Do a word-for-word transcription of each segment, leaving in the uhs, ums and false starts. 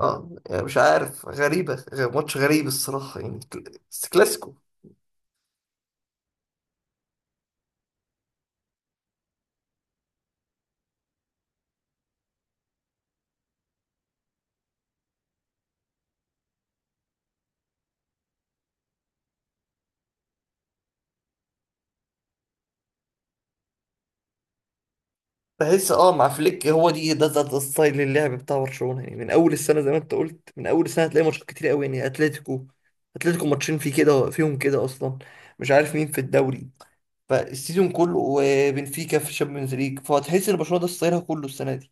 اه يعني مش عارف غريبة غ- ماتش غريب الصراحة يعني كل- بس كلاسيكو. بحس اه مع فليك هو دي ده ده, ده ستايل اللعب بتاع برشلونة، يعني من أول السنة زي ما أنت قلت. من أول السنة هتلاقي ماتشات كتير قوي، يعني أتلتيكو، أتلتيكو ماتشين في كده فيهم كده أصلا. مش عارف مين في الدوري فالسيزون كله، وبنفيكا في الشامبيونز ليج. فهتحس إن برشلونة ده ستايلها كله السنة دي.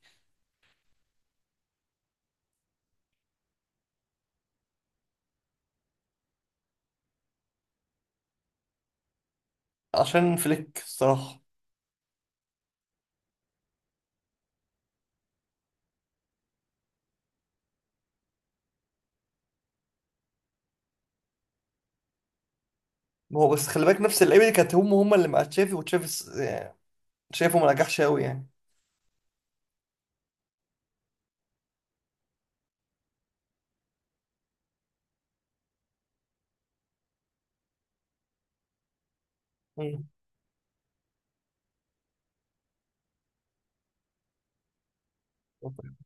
عشان فليك الصراحة. ما هو بس خلي بالك نفس اللعيبة دي كانت هم هم اللي مع تشافي، وتشافي الس- يعني شايفه ما نجحش قوي يعني.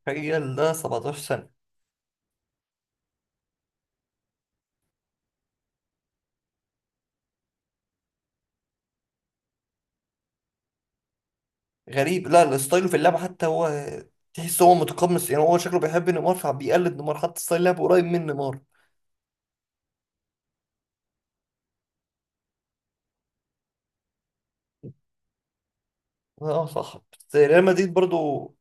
تخيل ده 17 سنة. غريب. لا لا، ستايله في اللعبة حتى هو تحس هو متقمص، يعني هو شكله بيحب نيمار فبيقلد نيمار، حتى ستايل لعبه قريب من نيمار. اه صح، بس ريال مدريد برضو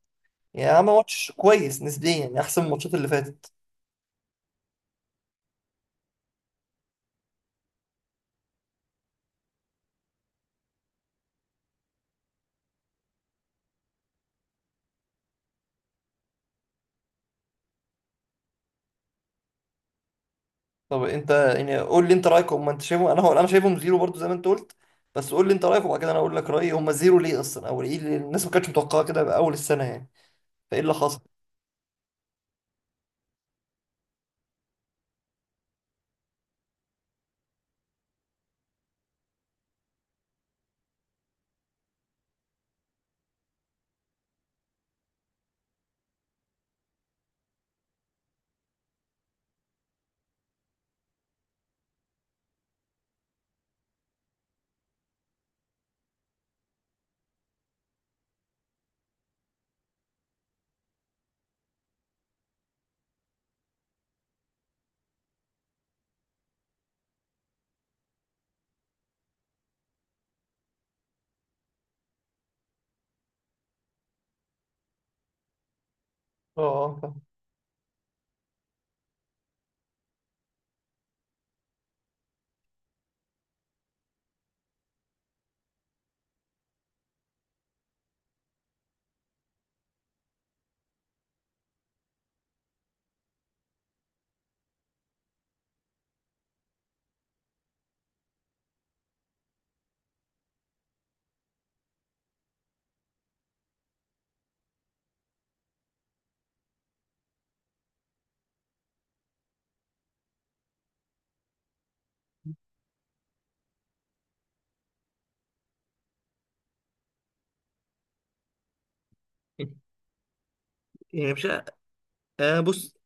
يعني عمل ماتش كويس نسبيا، يعني احسن من الماتشات اللي فاتت. طب انت، يعني قول لي انت رايك هم، انت شايفهم انا، هو انا شايفهم زيرو برضو زي ما انت قلت. بس قول لي انت رايك وبعد كده انا اقول لك رايي هم زيرو ليه اصلا، او ايه اللي الناس ما كانتش متوقعه كده باول السنه يعني. فايه اللي حصل. اه اه فاهم. يعني مش، آه بص،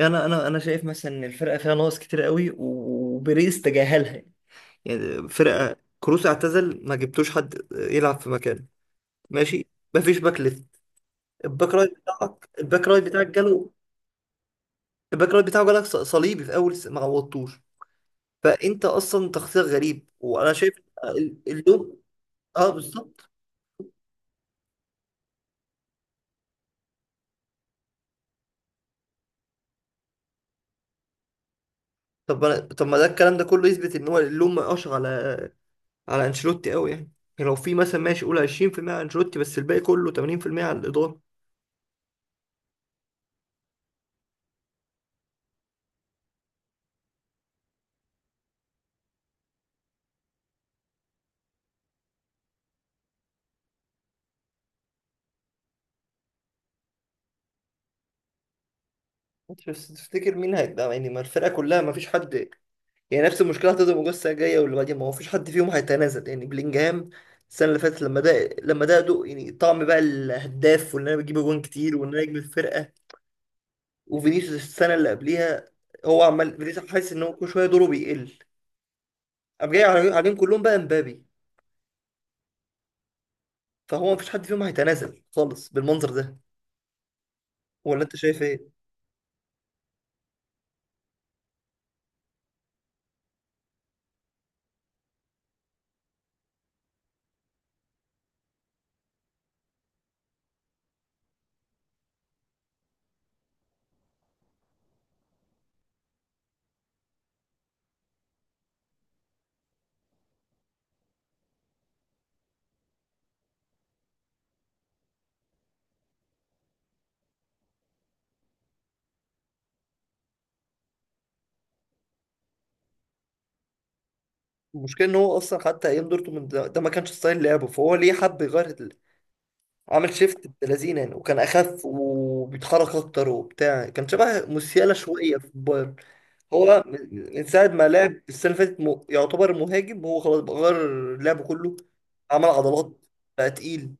انا انا انا شايف مثلا ان الفرقه فيها ناقص كتير قوي وبيريز تجاهلها يعني. يعني فرقه كروس اعتزل ما جبتوش حد يلعب في مكانه. ماشي. مفيش باك ليفت. الباك رايت بتاعك، الباك رايت بتاعك جاله. الباك رايت بتاعه جالك ص- صليبي في اول س- ما عوضتوش. فانت اصلا تخطيط غريب، وانا شايف ال- اللوم. اه بالظبط. طب أنا... طب ما ده الكلام ده كله يثبت ان هو اللوم ما يقاش على على انشيلوتي قوي يعني. يعني لو في مثلا ماشي قول عشرين في المية على انشيلوتي، بس الباقي كله ثمانين في المية على الاداره. انت بس تفتكر مين هيتدعم يعني؟ ما الفرقه كلها ما فيش حد، يعني نفس المشكله هتفضل موجوده السنه الجايه واللي بعديها. ما هو فيش حد فيهم هيتنازل، يعني بلينجهام السنه اللي فاتت لما ده لما ده دوق، يعني طعم بقى الهداف وان انا بجيب اجوان كتير وان انا نجم الفرقه. وفينيسيوس السنه اللي قبليها. هو عمال فينيسيوس حاسس ان هو كل شويه دوره بيقل. قام جاي على- عليهم كلهم بقى مبابي. فهو ما فيش حد فيهم هيتنازل خالص بالمنظر ده. ولا انت شايف ايه؟ المشكله ان هو اصلا حتى ايام دورتموند ده ده ما كانش ستايل لعبه، فهو ليه حب يغير؟ عامل شيفت بلازينة يعني، وكان اخف وبيتحرك اكتر وبتاع، كان شبه موسيالا شويه في البايرن. هو من ساعه ما لعب السنه اللي فاتت م- يعتبر مهاجم. هو خلاص بقى غير لعبه كله. عمل عضلات، بقى تقيل.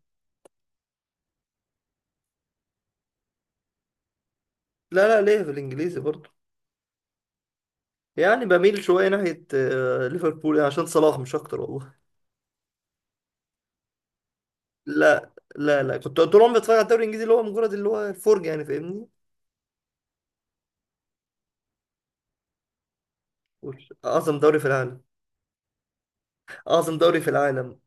لا لا، ليه في الانجليزي برضه. يعني بميل شويه ناحيه آه، ليفربول، يعني عشان صلاح مش اكتر والله. لا لا لا، كنت طول عمري بتفرج على الدوري الانجليزي، اللي هو مجرد اللي هو الفرجه يعني فاهمني. وش- اعظم دوري في العالم. اعظم دوري في العالم.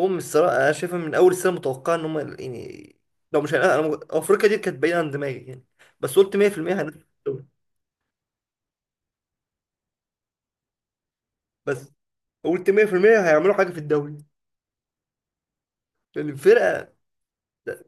هو من الصراحة أنا شايفها من أول السنة متوقعة إن هم يعني، لو مش هنقل أنا، مج- أفريقيا دي كانت بعيدة عن دماغي يعني. بس قلت مائة في المائة هنعمل في الدوري. بس قلت مائة في المائة هيعملوا حاجة في الدوري، لأن الفرقة... لا،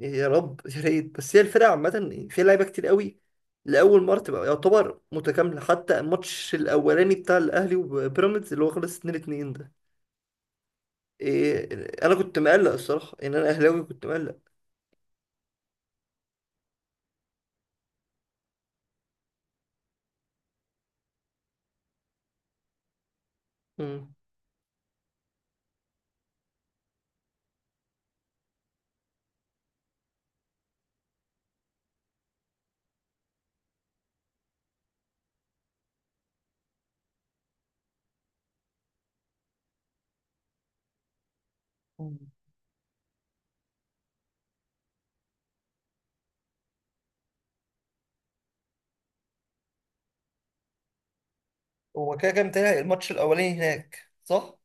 يا رب يا ريت. بس هي الفرقة عامة فيها لعيبة كتير قوي، لأول مرة تبقى يعتبر متكاملة. حتى الماتش الأولاني بتاع الأهلي وبيراميدز اللي هو خلص اتنين اتنين ده، إيه، أنا كنت مقلق الصراحة، إن أنا أهلاوي كنت مقلق. مم. هو كده كام تاني الماتش الأولاني هناك صح؟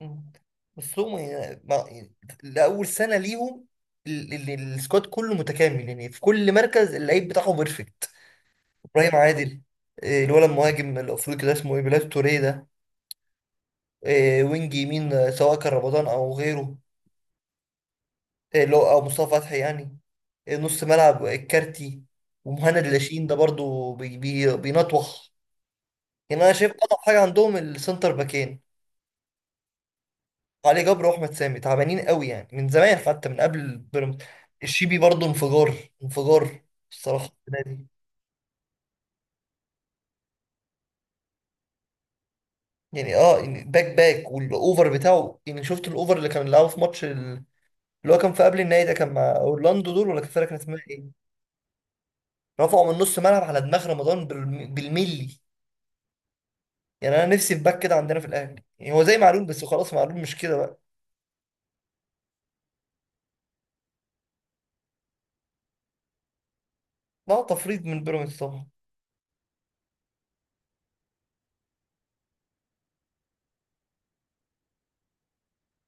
مم. بس هم يعني ما- لأول سنة ليهم ال- ال- السكواد كله متكامل، يعني في كل مركز اللعيب بتاعه بيرفكت. إبراهيم عادل، آه، الولد المهاجم الأفريقي ده اسمه إيه بلاد توريه ده، آه، وينج يمين، آه، سواء كان رمضان أو غيره، آه، اللي هو أو مصطفى فتحي يعني، آه، نص ملعب، آه، الكارتي، ومهند لاشين ده برضو بي بي بينطوح. يعني أنا شايف أضعف حاجة عندهم السنتر باكين. علي جبر واحمد سامي تعبانين قوي يعني من زمان، حتى من قبل بيراميدز. الشيبي برضه انفجار انفجار الصراحه السنه دي. يعني اه، يعني باك باك والاوفر بتاعه، يعني شفت الاوفر اللي كان لعبه في ماتش ال- اللي هو كان في قبل النهائي ده، كان مع اورلاندو دول، ولا كان فرقه كانت اسمها ايه. رفعوا من نص ملعب على دماغ رمضان بالم- بالملي. يعني انا نفسي في باك كده عندنا في الاهلي، يعني هو زي معلول، بس خلاص معلول مش كده بقى. لا تفريط من بيراميدز طبعا.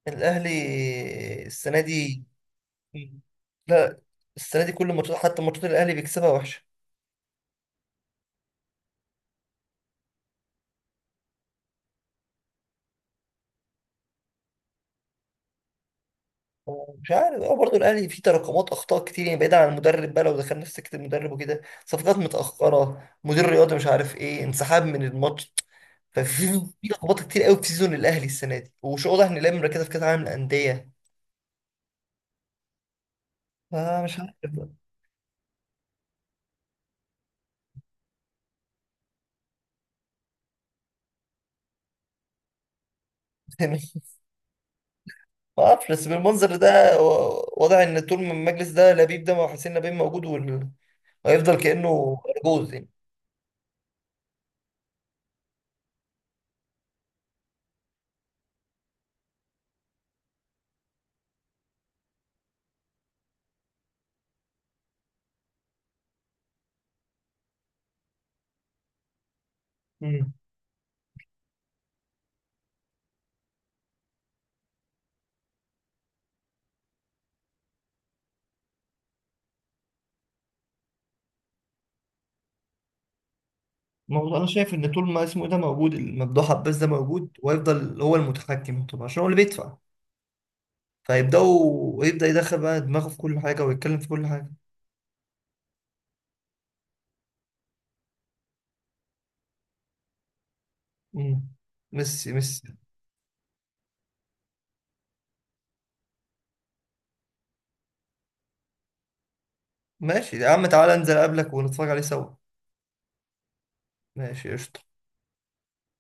الاهلي السنه دي. مم. لا، السنه دي كل ماتشات حتى ماتشات الاهلي بيكسبها وحشه. مش عارف. هو برضه الاهلي فيه تراكمات اخطاء كتير يعني، بعيدا عن المدرب بقى لو دخلنا في سكه المدرب وكده، صفقات متاخره، مدير رياضي مش عارف ايه، انسحاب من الماتش. ففي في لخبطه كتير قوي في سيزون الاهلي السنه دي، ومش واضح ان الاهلي مركزه في كاس العالم للانديه. فمش عارف بقى. ما اعرفش، بس بالمنظر ده و- واضح ان طول ما المجلس ده لبيب ده وحسين لبيب موجود وال- وهيفضل كانه جوز يعني. مم. ما هو انا شايف ان طول ما اسمه ده موجود الممدوح عباس ده موجود، ويفضل هو المتحكم طبعا عشان هو اللي بيدفع، فيبداوا يبدا يدخل بقى دماغه في كل حاجه ويتكلم في كل حاجه. امم ميسي ميسي. ماشي يا عم، تعالى انزل اقابلك ونتفرج عليه سوا. ماشي قشطة.